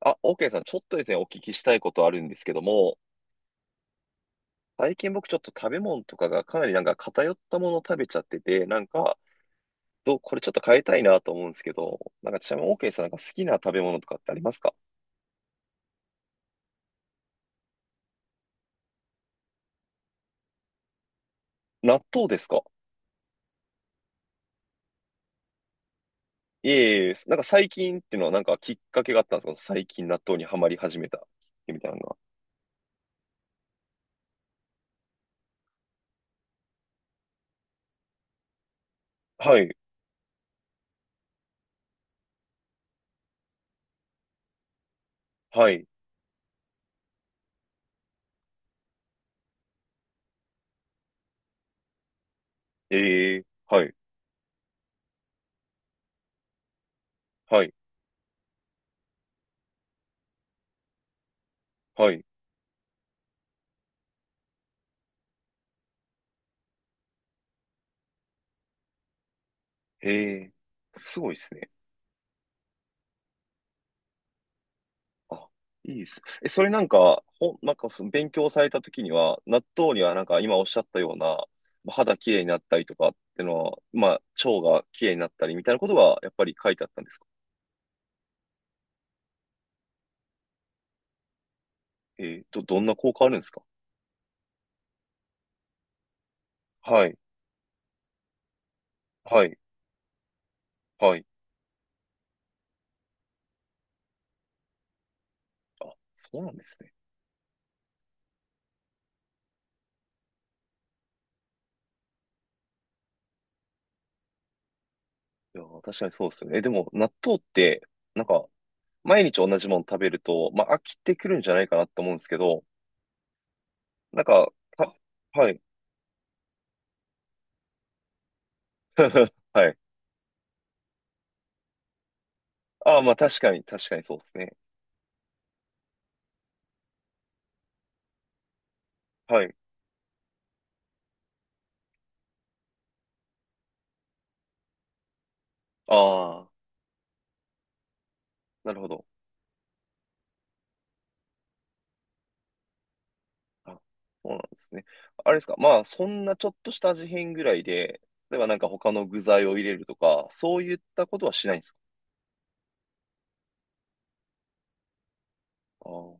あ、OK さん、ちょっとですね、お聞きしたいことあるんですけども、最近僕ちょっと食べ物とかがかなりなんか偏ったものを食べちゃってて、なんか、どう、これちょっと変えたいなと思うんですけど、なんかちなみに OK さん、なんか好きな食べ物とかってありますか？納豆ですか？いえいえ、なんか最近っていうのはなんかきっかけがあったんですか？最近納豆にはまり始めた、みたいなのは。はい、はい、ええ、はい、はい、はい、ええ、すごいですね。あ、いいです。え、それなんか、ほなんかその勉強された時には、納豆にはなんか今おっしゃったような、まあ肌きれいになったりとかってのは、まあ、腸がきれいになったりみたいなことがやっぱり書いてあったんですか？どんな効果あるんですか？はい、はい、はい。あ、そうなんですね。いやー、確かにそうですよね。え、でも、納豆って、なんか、毎日同じもの食べると、まあ、飽きてくるんじゃないかなと思うんですけど、なんか、た、はい、はい。ああ、まあ、確かに、確かにそうですね。はい。ああ。なるほど。あ、そうなんですね。あれですか、まあ、そんなちょっとした味変ぐらいで、例えばなんか他の具材を入れるとか、そういったことはしないんですか？あー、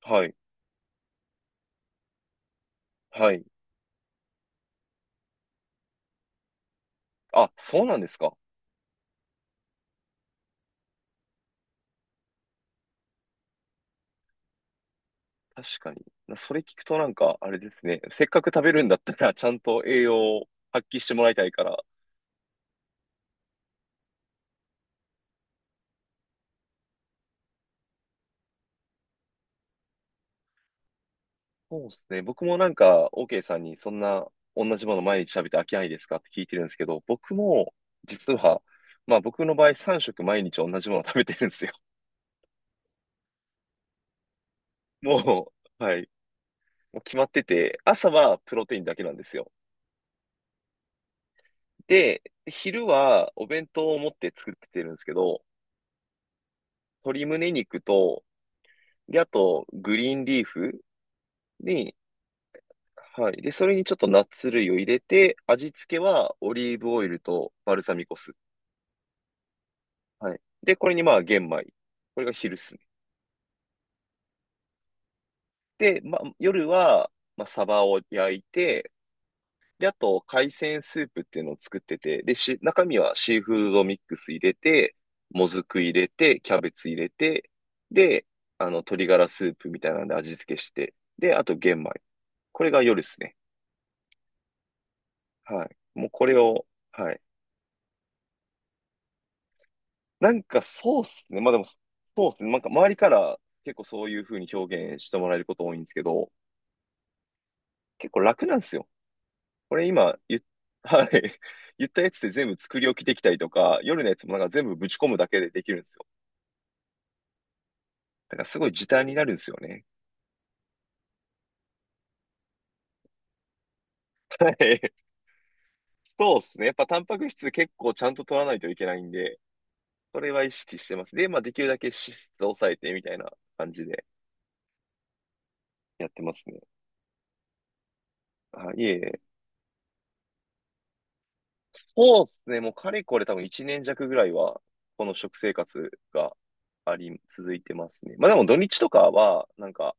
はい、はい。あ、そうなんですか。確かに。それ聞くとなんか、あれですね。せっかく食べるんだったら、ちゃんと栄養を発揮してもらいたいから。そうですね。僕もなんか、OK さんにそんな同じもの毎日食べて飽きないですかって聞いてるんですけど、僕も、実は、まあ僕の場合3食毎日同じもの食べてるんですよ。もはい。もう決まってて、朝はプロテインだけなんですよ。で、昼はお弁当を持って作ってるんですけど、鶏胸肉と、で、あと、グリーンリーフに、はい。で、それにちょっとナッツ類を入れて、味付けはオリーブオイルとバルサミコ酢。はい。で、これにまあ玄米。これが昼っすね。で、まあ、夜は、まあ、サバを焼いて、で、あと、海鮮スープっていうのを作ってて、で、中身はシーフードミックス入れて、もずく入れて、キャベツ入れて、で、あの、鶏ガラスープみたいなんで味付けして、で、あと玄米。これが夜ですね。はい。もうこれを、はい。なんかそうっすね。まあでも、そうっすね。なんか周りから結構そういう風に表現してもらえること多いんですけど、結構楽なんですよ。これ今言っ、はい。言ったやつで全部作り置きできたりとか、夜のやつもなんか全部ぶち込むだけでできるんですよ。だからすごい時短になるんですよね。はい。そうですね。やっぱタンパク質結構ちゃんと取らないといけないんで、それは意識してます。で、まあできるだけ脂質抑えてみたいな感じでやってますね。あ、いえいえ。そうですね。もうかれこれ多分1年弱ぐらいは、この食生活があり、続いてますね。まあでも土日とかは、なんか、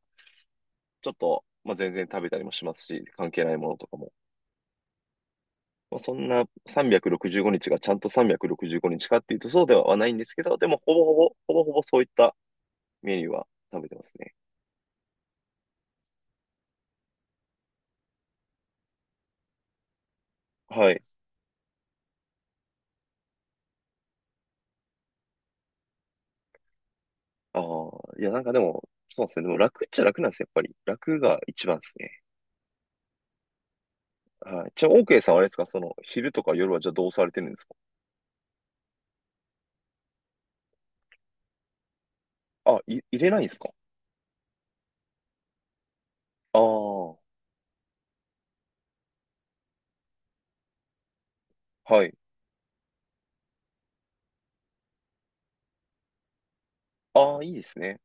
ちょっと、まあ全然食べたりもしますし、関係ないものとかも。まあそんな365日がちゃんと365日かっていうとそうではないんですけど、でもほぼほぼ、ほぼほぼそういったメニューは食べてますね。はい。ああ、いやなんかでも、そうですね。でも楽っちゃ楽なんですよ、やっぱり。楽が一番ですね。はい。じゃあ、オーケーさんはあれですかその、昼とか夜はじゃあどうされてるんですか？入れないんですか？ああ、はい。ああ、いいですね。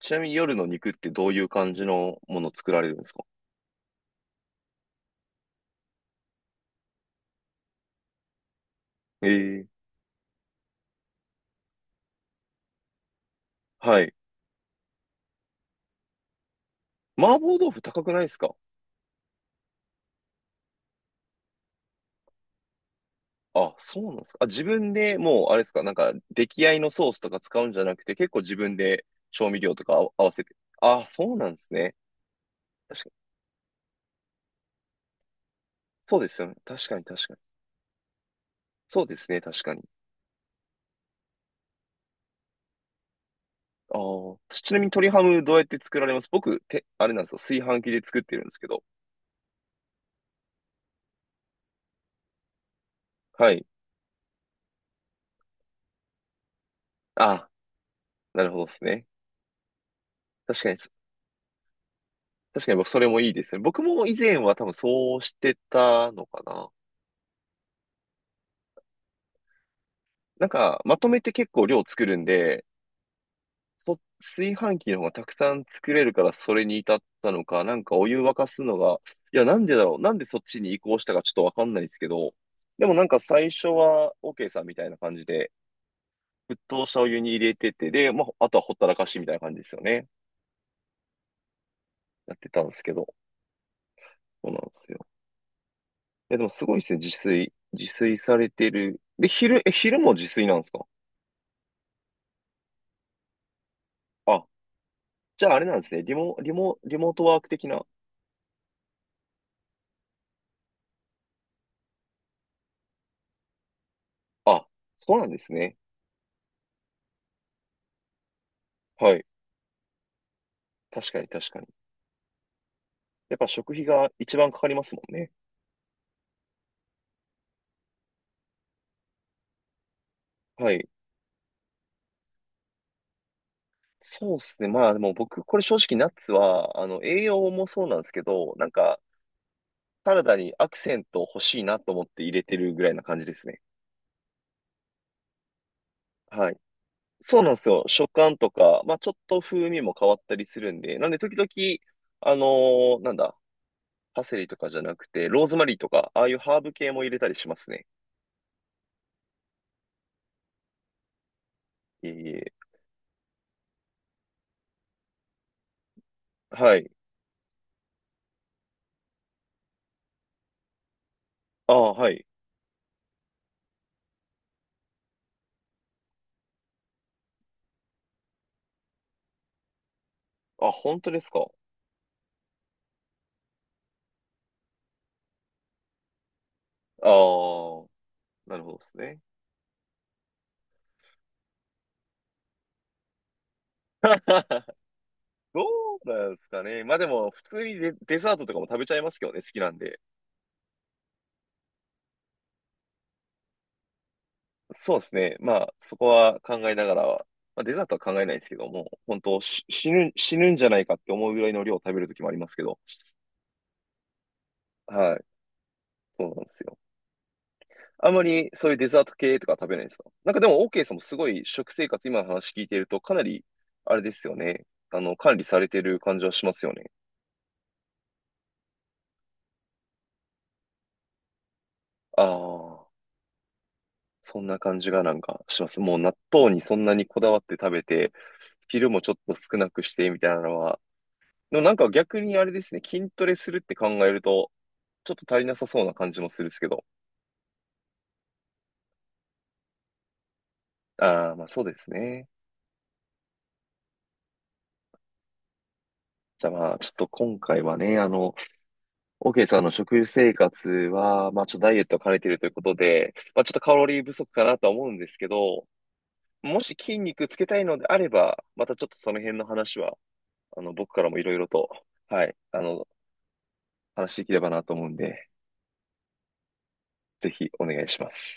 ちなみに夜の肉ってどういう感じのもの作られるんですか？ええ、はい。麻婆豆腐高くないですか？あ、そうなんですか。あ、自分でもう、あれですか、なんか、出来合いのソースとか使うんじゃなくて、結構自分で調味料とか合わせて。あ、そうなんですね。確かに。そうですよね。確かに、確かに。そうですね、確かに。ああ、ちなみに鶏ハムどうやって作られます？あれなんですよ。炊飯器で作ってるんですけど。はい。あ、なるほどですね。確かにそ、確かに僕、それもいいですね。僕も以前は多分そうしてたのかな。なんか、まとめて結構量作るんで、炊飯器の方がたくさん作れるからそれに至ったのか、なんかお湯沸かすのが、いや、なんでだろう、なんでそっちに移行したかちょっとわかんないですけど、でもなんか最初は OK さんみたいな感じで、沸騰したお湯に入れてて、で、まあ、あとはほったらかしみたいな感じですよね。やってたんですけど、そうなんですよ。え、でもすごいですね、自炊。自炊されてる。で、昼も自炊なんですか？あ、じゃああれなんですね。リモートワーク的な。あ、そうなんですね。はい。確かに、確かに。やっぱ食費が一番かかりますもんね。はい。そうですね。まあでも僕、これ正直ナッツは、あの、栄養もそうなんですけど、なんか、サラダにアクセント欲しいなと思って入れてるぐらいな感じですね。はい。そうなんですよ。食感とか、まあちょっと風味も変わったりするんで、なんで時々、あのーなんだ、パセリとかじゃなくて、ローズマリーとか、ああいうハーブ系も入れたりしますね。いえいえ。はい。ああ、はい。あ、本当ですか？ああ、なるほどですね。どうなんですかね。まあでも、普通にデザートとかも食べちゃいますけどね、好きなんで。そうですね。まあ、そこは考えながらは、まあ、デザートは考えないですけども、本当し死ぬ、死ぬんじゃないかって思うぐらいの量を食べるときもありますけど。はい。そうなんですよ。あんまりそういうデザート系とか食べないですか？なんかでも、OK さんもすごい食生活、今の話聞いてると、かなり、あれですよね。あの、管理されてる感じはしますよね。ああ、そんな感じがなんかします。もう納豆にそんなにこだわって食べて、昼もちょっと少なくしてみたいなのは、でもなんか逆にあれですね、筋トレするって考えると、ちょっと足りなさそうな感じもするんですけど。ああ、まあそうですね。じゃあまあちょっと今回はね、あの、OK さんの食生活は、まあちょっとダイエットを兼ねているということで、まあちょっとカロリー不足かなとは思うんですけど、もし筋肉つけたいのであれば、またちょっとその辺の話は、あの、僕からもいろいろと、はい、あの、話していければなと思うんで、ぜひお願いします。